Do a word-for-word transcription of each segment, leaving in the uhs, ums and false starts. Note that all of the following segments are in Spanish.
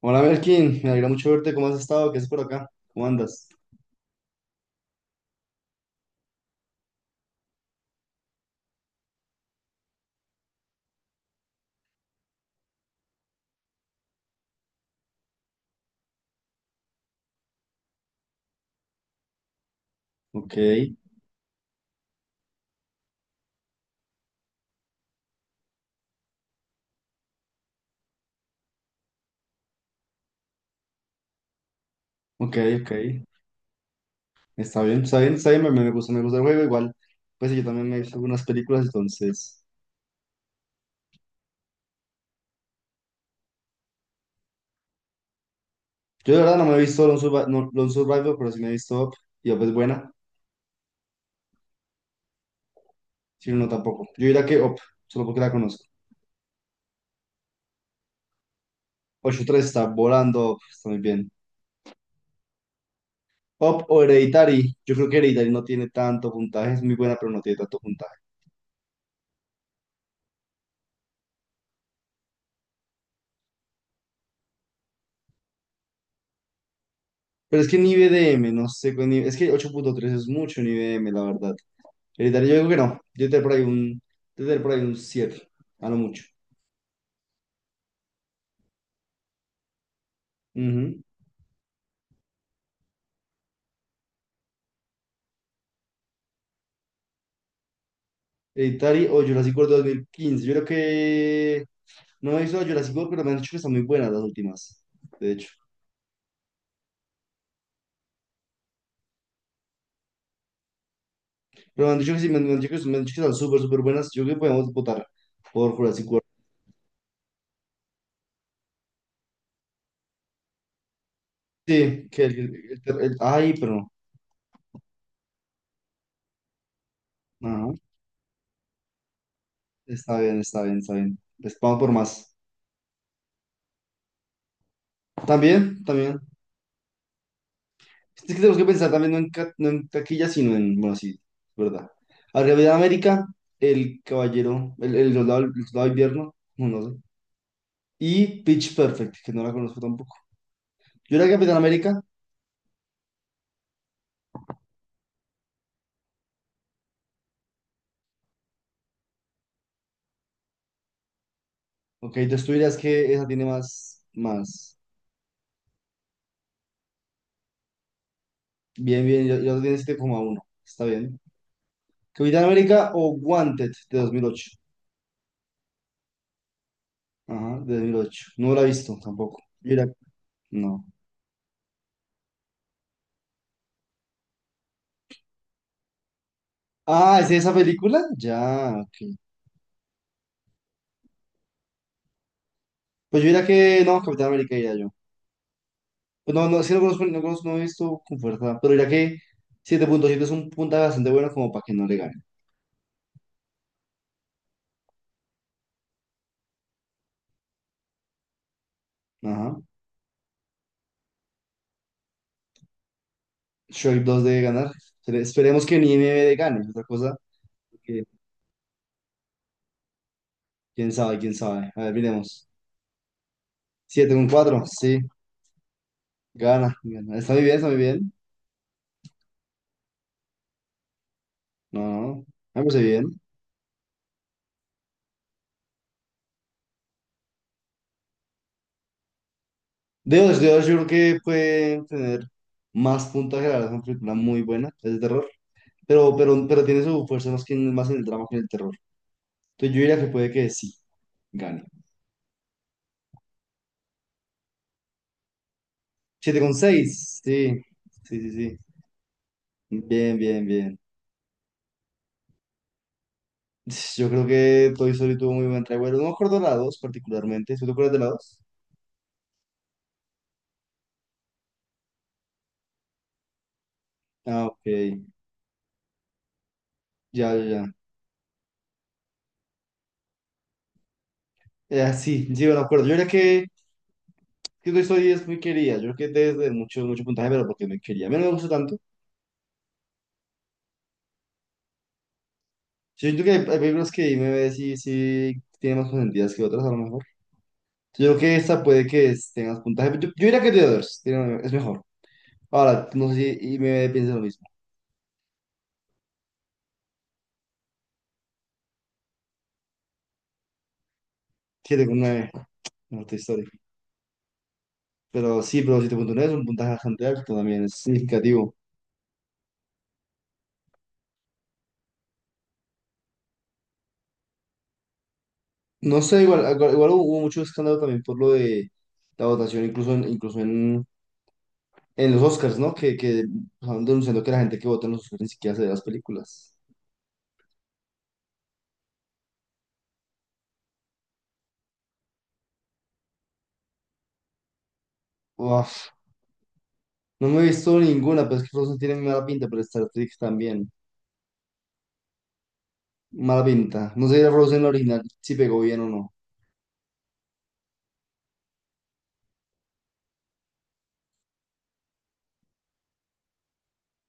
Hola Melkin, me alegra mucho verte. ¿Cómo has estado? ¿Qué haces por acá? ¿Cómo andas? Ok, ok, ok. Está bien, está bien, está bien. Me, me gusta, me gusta el juego. Igual, pues yo también me he visto algunas películas, entonces. Yo de verdad no me he visto Lone Survi- no, Lone Survivor, pero sí me he visto Up. Y Up es buena, si no, no tampoco. Yo diría que Up, solo porque la conozco. Ocho tres está volando, Up, está muy bien. Up o Hereditary. Yo creo que Hereditary no tiene tanto puntaje, es muy buena, pero no tiene tanto puntaje. Pero es que en I B D m, no sé, con I B D M, es que ocho punto tres es mucho en I B D m, la verdad. Hereditario yo digo que no. Yo te por ahí un, yo te por ahí un siete a lo mucho. Ujú. Hereditario o Jurassic World dos mil quince. Yo creo que no he visto Jurassic World, pero me han dicho que están muy buenas las últimas, de hecho. Pero me han dicho que sí, me han, me han dicho que, me han dicho que están súper, súper buenas. Yo creo que podemos votar por Jurassic World. Sí, que el, el- el- el- ay, pero no. Ajá. Está bien, está bien, está bien. Les vamos por más. También, también. Es que tenemos que pensar también no en, ca- no en taquillas, sino en, bueno, sí, es verdad. Arriba de América, El Caballero, El, el Soldado, el Soldado de Invierno, no, no sé. Y Pitch Perfect, que no la conozco tampoco. Yo era Capitán América, ok, entonces tú dirías que esa tiene más, más. Bien, bien, yo, yo tiene siete coma uno está bien. Capitán América o Wanted de dos mil ocho. Ajá, de dos mil ocho. No la he visto tampoco. Yo diría, no. Ah, ¿es esa película? Ya, ok. Pues yo diría que no, Capitán América diría yo. Pues no, no, sí, no conozco, no conozco, no he visto con fuerza, pero ya que siete punto siete es un puntaje bastante bueno como para que no le gane. Ajá. Shoaib dos debe ganar. Espere- Esperemos que ni M B gane. Otra cosa, que quién sabe, quién sabe. A ver, miremos. Siete con cuatro, sí, gana, gana. Está muy bien, está muy bien. No, no, me parece bien. Dios, Dios, yo creo que puede tener más puntaje, la verdad, es una película muy buena, es de terror, pero, pero, pero tiene su fuerza más, que, en- más en el drama que en el terror. Entonces yo diría que puede que sí, gane. Siete con seis. Sí, sí, sí, sí. Bien, bien, bien. Yo creo que Toy Story tuvo muy buen revuelo. No me acuerdo de la dos particularmente. ¿Sí te acuerdas de la dos? Ah, ok. Ya, ya, ya. Eh, ah, sí, sí, me acuerdo. Yo creo que, que Toy Story es muy querida. Yo creo que desde mucho, mucho puntaje, pero porque me quería. A mí no me gusta tanto. Sí, yo creo que hay, hay películas que me ve si, si tiene más consentidas que otras, a lo mejor. Yo creo que esta puede que es- tenga más puntaje. Yo, yo diría que The Others tiene- es mejor. Ahora, no sé si y me piensa lo mismo. siete con nueve. No, Toy Story. Pero sí, pero siete punto nueve es un puntaje bastante alto también, es significativo. No sé, igual, igual, igual hubo mucho escándalo también por lo de la votación, incluso en, incluso en, en los Oscars, ¿no? Que, que estaban denunciando que la gente que vota en los Oscars ni siquiera se ve las películas. Uf, no me he visto ninguna, pero es que Frozen tiene mala pinta, pero Star Trek también. Mala pinta. No sé si era Frozen la original, si pegó bien o no.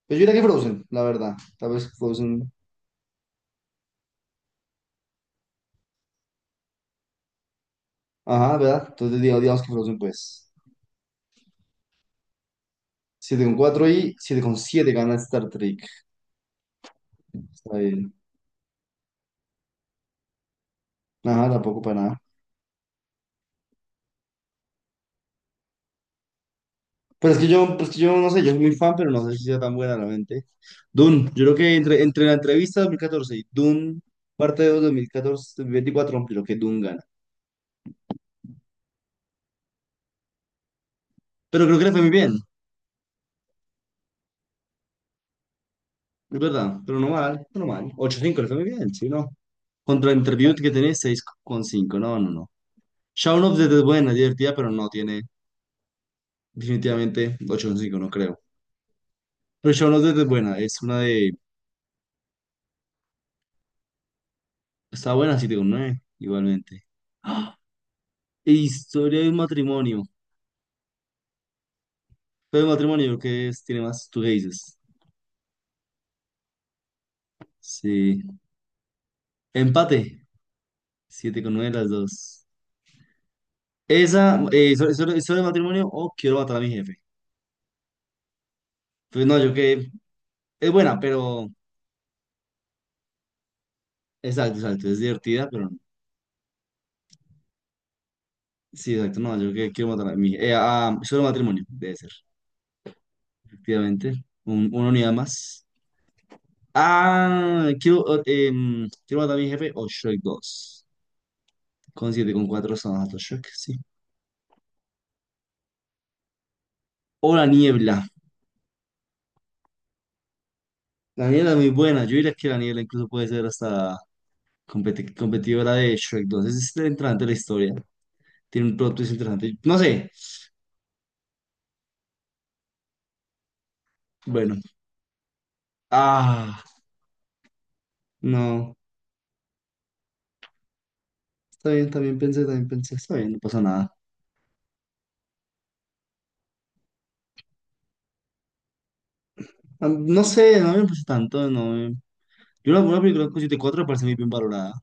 Pero yo diría que Frozen, la verdad. Tal vez Frozen. Ajá, ¿verdad? Entonces digamos digamos que Frozen, pues. Siete coma cuatro y siete coma siete, gana Star Trek. Está bien. Nada, tampoco para nada. Pero es que yo, pues que yo no sé, yo soy muy fan, pero no sé si sea tan buena realmente. Dune, yo creo que entre, entre la entrevista dos mil catorce y Dune, parte de dos mil catorce, dos mil veinticuatro, creo que Dune gana. Pero creo que le fue muy bien, es verdad, pero no mal, pero no mal. Ocho cinco le fue muy bien, sí, no. Contra Interview que tiene seis coma cinco, no, no, no. Shaun of the Dead es buena, divertida, pero no tiene definitivamente ocho coma cinco, no creo. Pero Shaun of the Dead es buena, es una de... Está buena, siete coma nueve igualmente. E historia de un matrimonio. Pero de matrimonio, ¿que es? Tiene más, tú qué dices. Sí. Empate. Siete con nueve las dos. Esa, eh, historia, historia- historia de matrimonio o quiero matar a mi jefe. Pues no, yo que es buena, pero exacto, exacto. Es divertida, pero no. Sí, exacto. No, yo que quiero matar a mi jefe. Eh, ah, historia de matrimonio, debe ser. Efectivamente. Un- una unidad más. Ah, quiero, eh, em, quiero matar a mi jefe o Shrek dos. Con siete, con cuatro estamos a Shrek, sí. O la niebla. La niebla es muy buena. Yo diría que la niebla incluso puede ser hasta competi- competidora de Shrek dos. Es este interesante la historia. Tiene un plot twist interesante. No sé. Bueno. Ah, no. Está bien, también pensé, también pensé. Está bien, no pasa nada. Ah, no sé, no me parece tanto. No me- Yo una, una película con siete punto cuatro me parece muy bien valorada.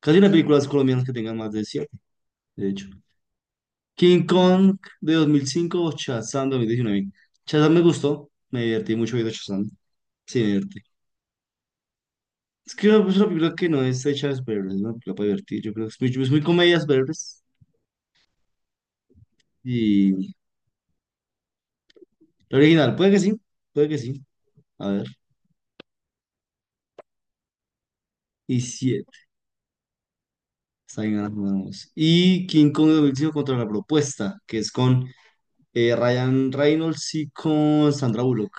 Casi las películas colombianas que tengan más de siete, de hecho. King Kong de dos mil cinco o Shazam dos mil diecinueve. Shazam me gustó. Me divertí mucho viendo Shazam. Sí, divertir. Es que es una película que no está hecha de superhéroes, es una película para divertir. Yo creo que es muy, es muy comedia de superhéroes. Y la original, puede que sí, puede que sí. A ver. Y siete. Está bien, ahora jugamos. Y King Kong dos mil cinco contra la propuesta, que es con eh, Ryan Reynolds y con Sandra Bullock.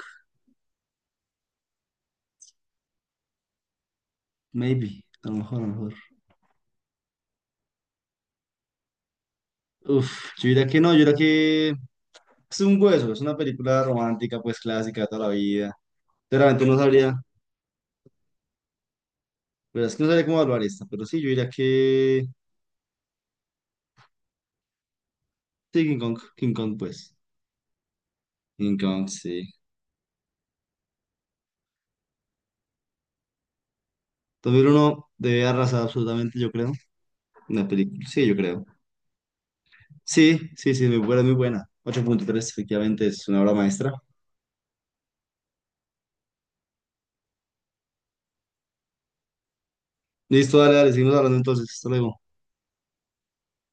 Maybe. A lo mejor, a lo mejor. Uf, yo diría que no, yo diría que es un hueso, es una película romántica, pues clásica de toda la vida. Realmente no sabría, pero es que no sabría cómo evaluar esta, pero sí, yo diría que. Sí, King Kong, King Kong, pues. King Kong, sí. Dos mil uno debe arrasar absolutamente, yo creo. Una película, sí, yo creo. Sí, sí, sí, muy buena, muy buena. Ocho punto tres efectivamente, es una obra maestra. Listo, dale, dale, seguimos hablando entonces. Hasta luego.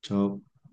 Chao.